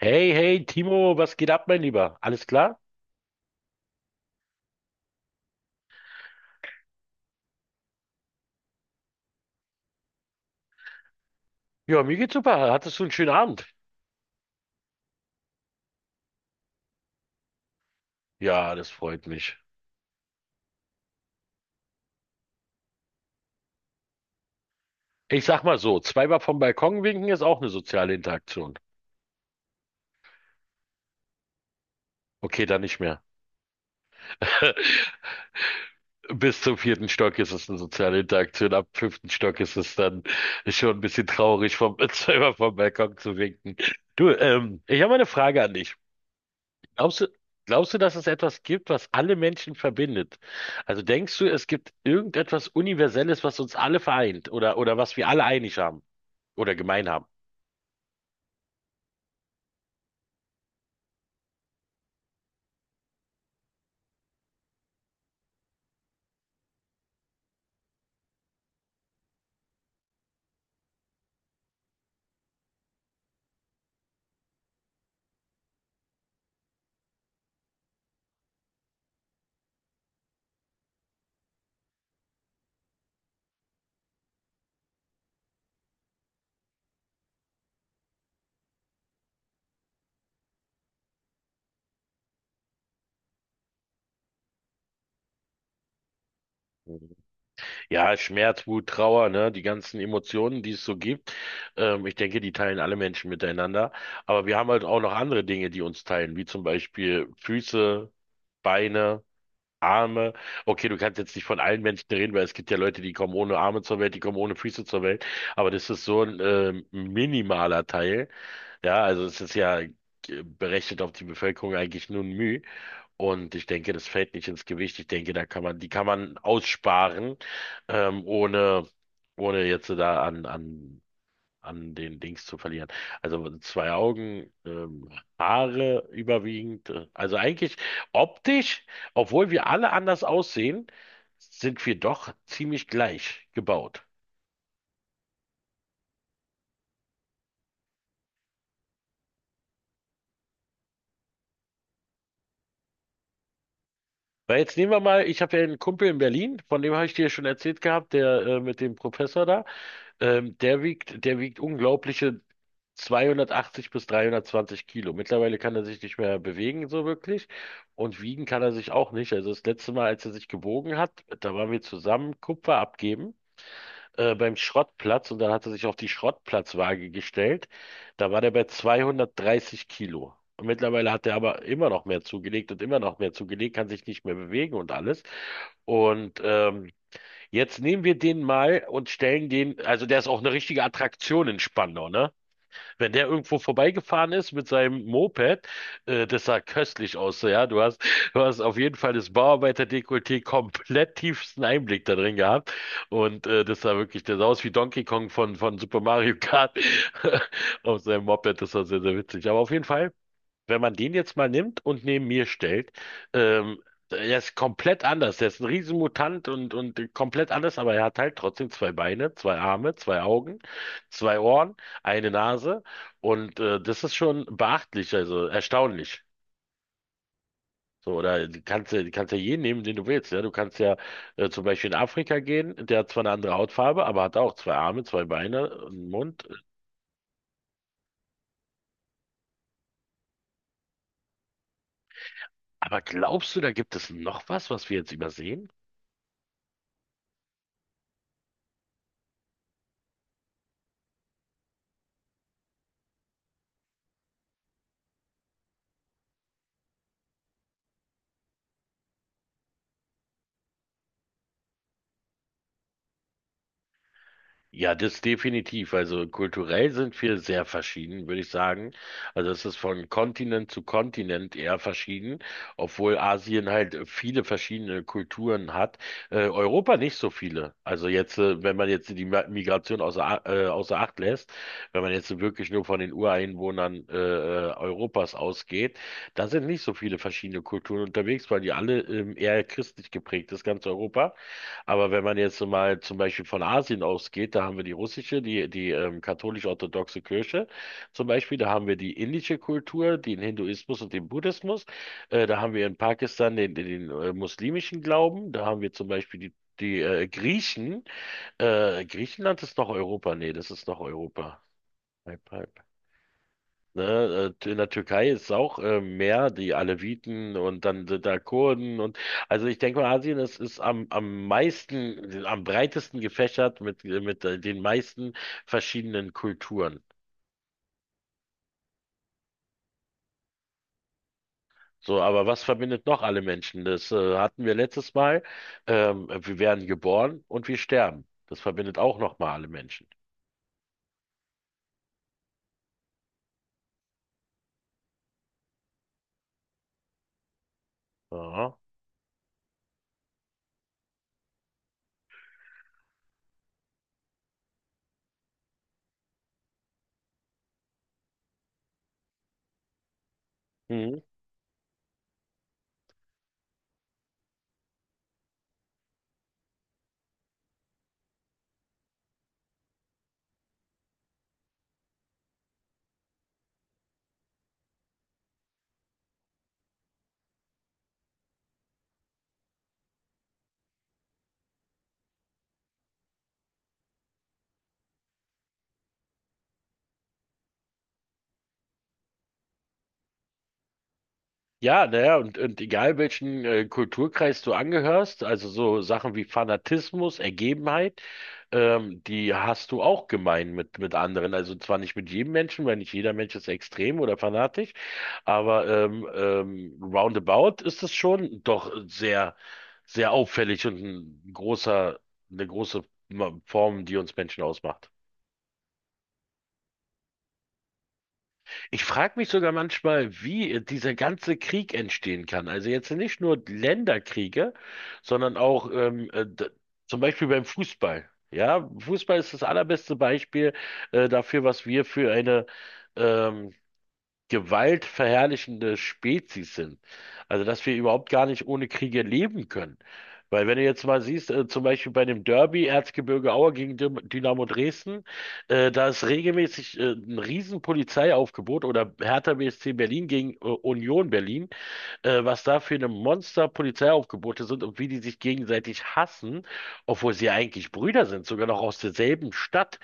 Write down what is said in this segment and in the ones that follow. Hey, hey, Timo, was geht ab, mein Lieber? Alles klar? Ja, mir geht's super. Hattest du einen schönen Abend? Ja, das freut mich. Ich sag mal so, zweimal vom Balkon winken ist auch eine soziale Interaktion. Okay, dann nicht mehr. Bis zum vierten Stock ist es eine soziale Interaktion. Ab fünften Stock ist es dann schon ein bisschen traurig, zweimal vom Balkon zu winken. Du, ich habe eine Frage an dich. Glaubst du, glaubst du, dass es etwas gibt, was alle Menschen verbindet? Also denkst du, es gibt irgendetwas Universelles, was uns alle vereint oder was wir alle einig haben oder gemein haben? Mhm. Ja, Schmerz, Wut, Trauer, ne, die ganzen Emotionen, die es so gibt. Ich denke, die teilen alle Menschen miteinander. Aber wir haben halt auch noch andere Dinge, die uns teilen, wie zum Beispiel Füße, Beine. Arme. Okay, du kannst jetzt nicht von allen Menschen reden, weil es gibt ja Leute, die kommen ohne Arme zur Welt, die kommen ohne Füße zur Welt. Aber das ist so ein minimaler Teil. Ja, also es ist ja berechnet auf die Bevölkerung eigentlich nur ein Müh. Und ich denke, das fällt nicht ins Gewicht. Ich denke, da kann man, die kann man aussparen, ähm, ohne, ohne jetzt da an den Dings zu verlieren. Also zwei Augen, Haare überwiegend. Also eigentlich optisch, obwohl wir alle anders aussehen, sind wir doch ziemlich gleich gebaut. Weil jetzt nehmen wir mal, ich habe ja einen Kumpel in Berlin, von dem habe ich dir schon erzählt gehabt, der mit dem Professor da. Der wiegt unglaubliche 280 bis 320 Kilo. Mittlerweile kann er sich nicht mehr bewegen, so wirklich. Und wiegen kann er sich auch nicht. Also das letzte Mal, als er sich gewogen hat, da waren wir zusammen Kupfer abgeben, beim Schrottplatz. Und dann hat er sich auf die Schrottplatzwaage gestellt. Da war der bei 230 Kilo. Und mittlerweile hat er aber immer noch mehr zugelegt und immer noch mehr zugelegt, kann sich nicht mehr bewegen und alles. Und jetzt nehmen wir den mal und stellen den, also der ist auch eine richtige Attraktion in Spandau, ne? Wenn der irgendwo vorbeigefahren ist mit seinem Moped, das sah köstlich aus, so, ja. Du hast auf jeden Fall das Bauarbeiter-Dekolleté komplett tiefsten Einblick da drin gehabt. Und das sah wirklich, das sah aus wie Donkey Kong von Super Mario Kart auf seinem Moped. Das war sehr, sehr witzig. Aber auf jeden Fall wenn man den jetzt mal nimmt und neben mir stellt, ähm, er ist komplett anders. Er ist ein Riesenmutant und komplett anders, aber er hat halt trotzdem zwei Beine, zwei Arme, zwei Augen, zwei Ohren, eine Nase und das ist schon beachtlich, also erstaunlich. So, oder du kannst ja jeden nehmen, den du willst. Ja? Du kannst ja zum Beispiel in Afrika gehen, der hat zwar eine andere Hautfarbe, aber hat auch zwei Arme, zwei Beine, einen Mund. Aber glaubst du, da gibt es noch was, was wir jetzt übersehen? Ja, das definitiv. Also kulturell sind wir sehr verschieden, würde ich sagen. Also es ist von Kontinent zu Kontinent eher verschieden, obwohl Asien halt viele verschiedene Kulturen hat. Europa nicht so viele. Also jetzt, wenn man jetzt die Migration außer Acht lässt, wenn man jetzt wirklich nur von den Ureinwohnern Europas ausgeht, da sind nicht so viele verschiedene Kulturen unterwegs, weil die alle eher christlich geprägt ist, ganz Europa. Aber wenn man jetzt so mal zum Beispiel von Asien ausgeht, da haben wir die russische, die katholisch-orthodoxe Kirche zum Beispiel, da haben wir die indische Kultur, den Hinduismus und den Buddhismus, da haben wir in Pakistan den muslimischen Glauben, da haben wir zum Beispiel die Griechen. Griechenland ist noch Europa? Nee, das ist noch Europa. Ne, in der Türkei ist es auch mehr die Aleviten und dann sind da Kurden und also ich denke mal, Asien ist am meisten, am breitesten gefächert mit den meisten verschiedenen Kulturen. So, aber was verbindet noch alle Menschen? Das hatten wir letztes Mal. Wir werden geboren und wir sterben. Das verbindet auch nochmal alle Menschen. Aha. Mhm. Ja, naja, und egal welchen Kulturkreis du angehörst, also so Sachen wie Fanatismus, Ergebenheit, die hast du auch gemein mit anderen. Also zwar nicht mit jedem Menschen, weil nicht jeder Mensch ist extrem oder fanatisch, aber roundabout ist es schon doch sehr, sehr auffällig und eine große Form, die uns Menschen ausmacht. Ich frage mich sogar manchmal, wie dieser ganze Krieg entstehen kann. Also jetzt nicht nur Länderkriege, sondern auch zum Beispiel beim Fußball. Ja, Fußball ist das allerbeste Beispiel dafür, was wir für eine ähm, gewaltverherrlichende Spezies sind. Also, dass wir überhaupt gar nicht ohne Kriege leben können. Weil wenn du jetzt mal siehst, zum Beispiel bei dem Derby Erzgebirge Aue gegen Dynamo Dresden, da ist regelmäßig ein riesen Polizeiaufgebot oder Hertha BSC Berlin gegen Union Berlin, was da für eine Monster Polizeiaufgebote sind und wie die sich gegenseitig hassen, obwohl sie ja eigentlich Brüder sind, sogar noch aus derselben Stadt.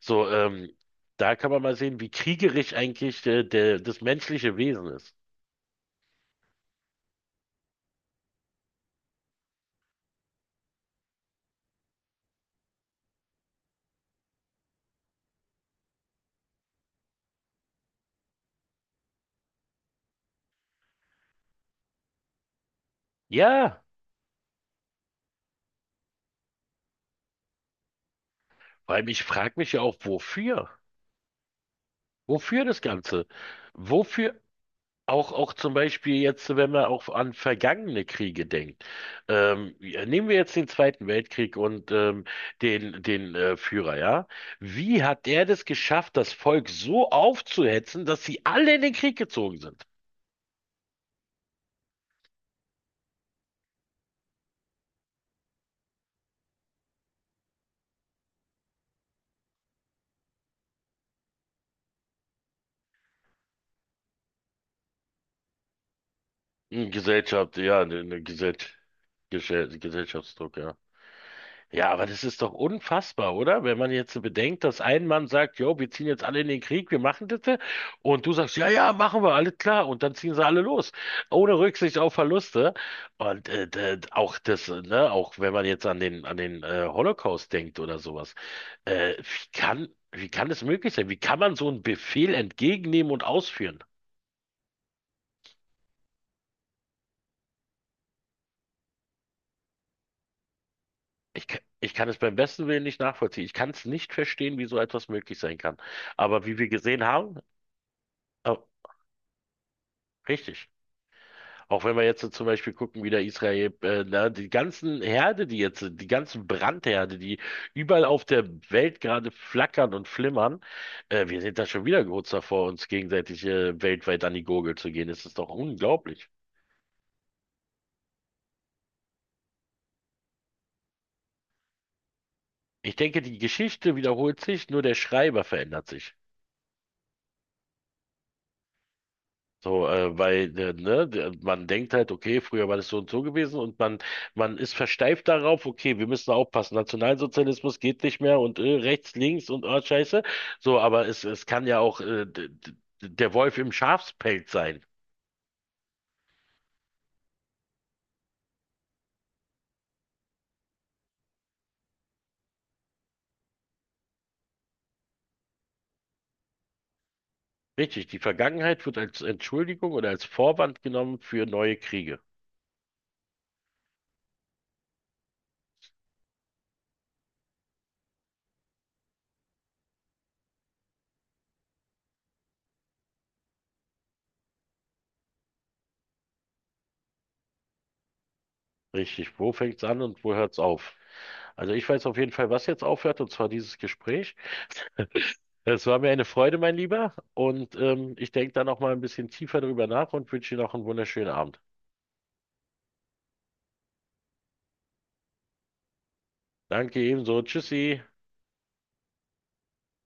So, da kann man mal sehen, wie kriegerisch eigentlich das menschliche Wesen ist. Ja, weil ich frage mich ja auch, wofür? Wofür das Ganze? Wofür auch zum Beispiel jetzt, wenn man auch an vergangene Kriege denkt. Ja, nehmen wir jetzt den Zweiten Weltkrieg und den Führer, ja? Wie hat der das geschafft, das Volk so aufzuhetzen, dass sie alle in den Krieg gezogen sind? Hm, Gesellschaft, ja, eine Gesellschaft. Gesellschaftsdruck, ja. Ja, aber das ist doch unfassbar, oder? Wenn man jetzt so bedenkt, dass ein Mann sagt, jo, wir ziehen jetzt alle in den Krieg, wir machen das, ja. Und du sagst, ja, ja, machen wir, alles klar, und dann ziehen sie alle los, ohne Rücksicht auf Verluste. Und auch das, ne, auch wenn man jetzt an den Holocaust denkt oder sowas, wie kann es möglich sein? Wie kann man so einen Befehl entgegennehmen und ausführen? Ich kann es beim besten Willen nicht nachvollziehen. Ich kann es nicht verstehen, wie so etwas möglich sein kann. Aber wie wir gesehen haben, äh, richtig. Auch wenn wir jetzt so zum Beispiel gucken, wie der Israel, die ganzen Brandherde, die überall auf der Welt gerade flackern und flimmern, wir sind da schon wieder kurz davor, uns gegenseitig, weltweit an die Gurgel zu gehen. Das ist doch unglaublich. Ich denke, die Geschichte wiederholt sich, nur der Schreiber verändert sich. So, weil ne, man denkt halt, okay, früher war das so und so gewesen und man ist versteift darauf, okay, wir müssen aufpassen, Nationalsozialismus geht nicht mehr und rechts, links und oh, Scheiße. So, aber es kann ja auch der Wolf im Schafspelz sein. Richtig, die Vergangenheit wird als Entschuldigung oder als Vorwand genommen für neue Kriege. Richtig, wo fängt's an und wo hört's auf? Also ich weiß auf jeden Fall, was jetzt aufhört, und zwar dieses Gespräch. Es war mir eine Freude, mein Lieber. Und ich denke da noch mal ein bisschen tiefer drüber nach und wünsche dir noch einen wunderschönen Abend. Danke ebenso. Tschüssi.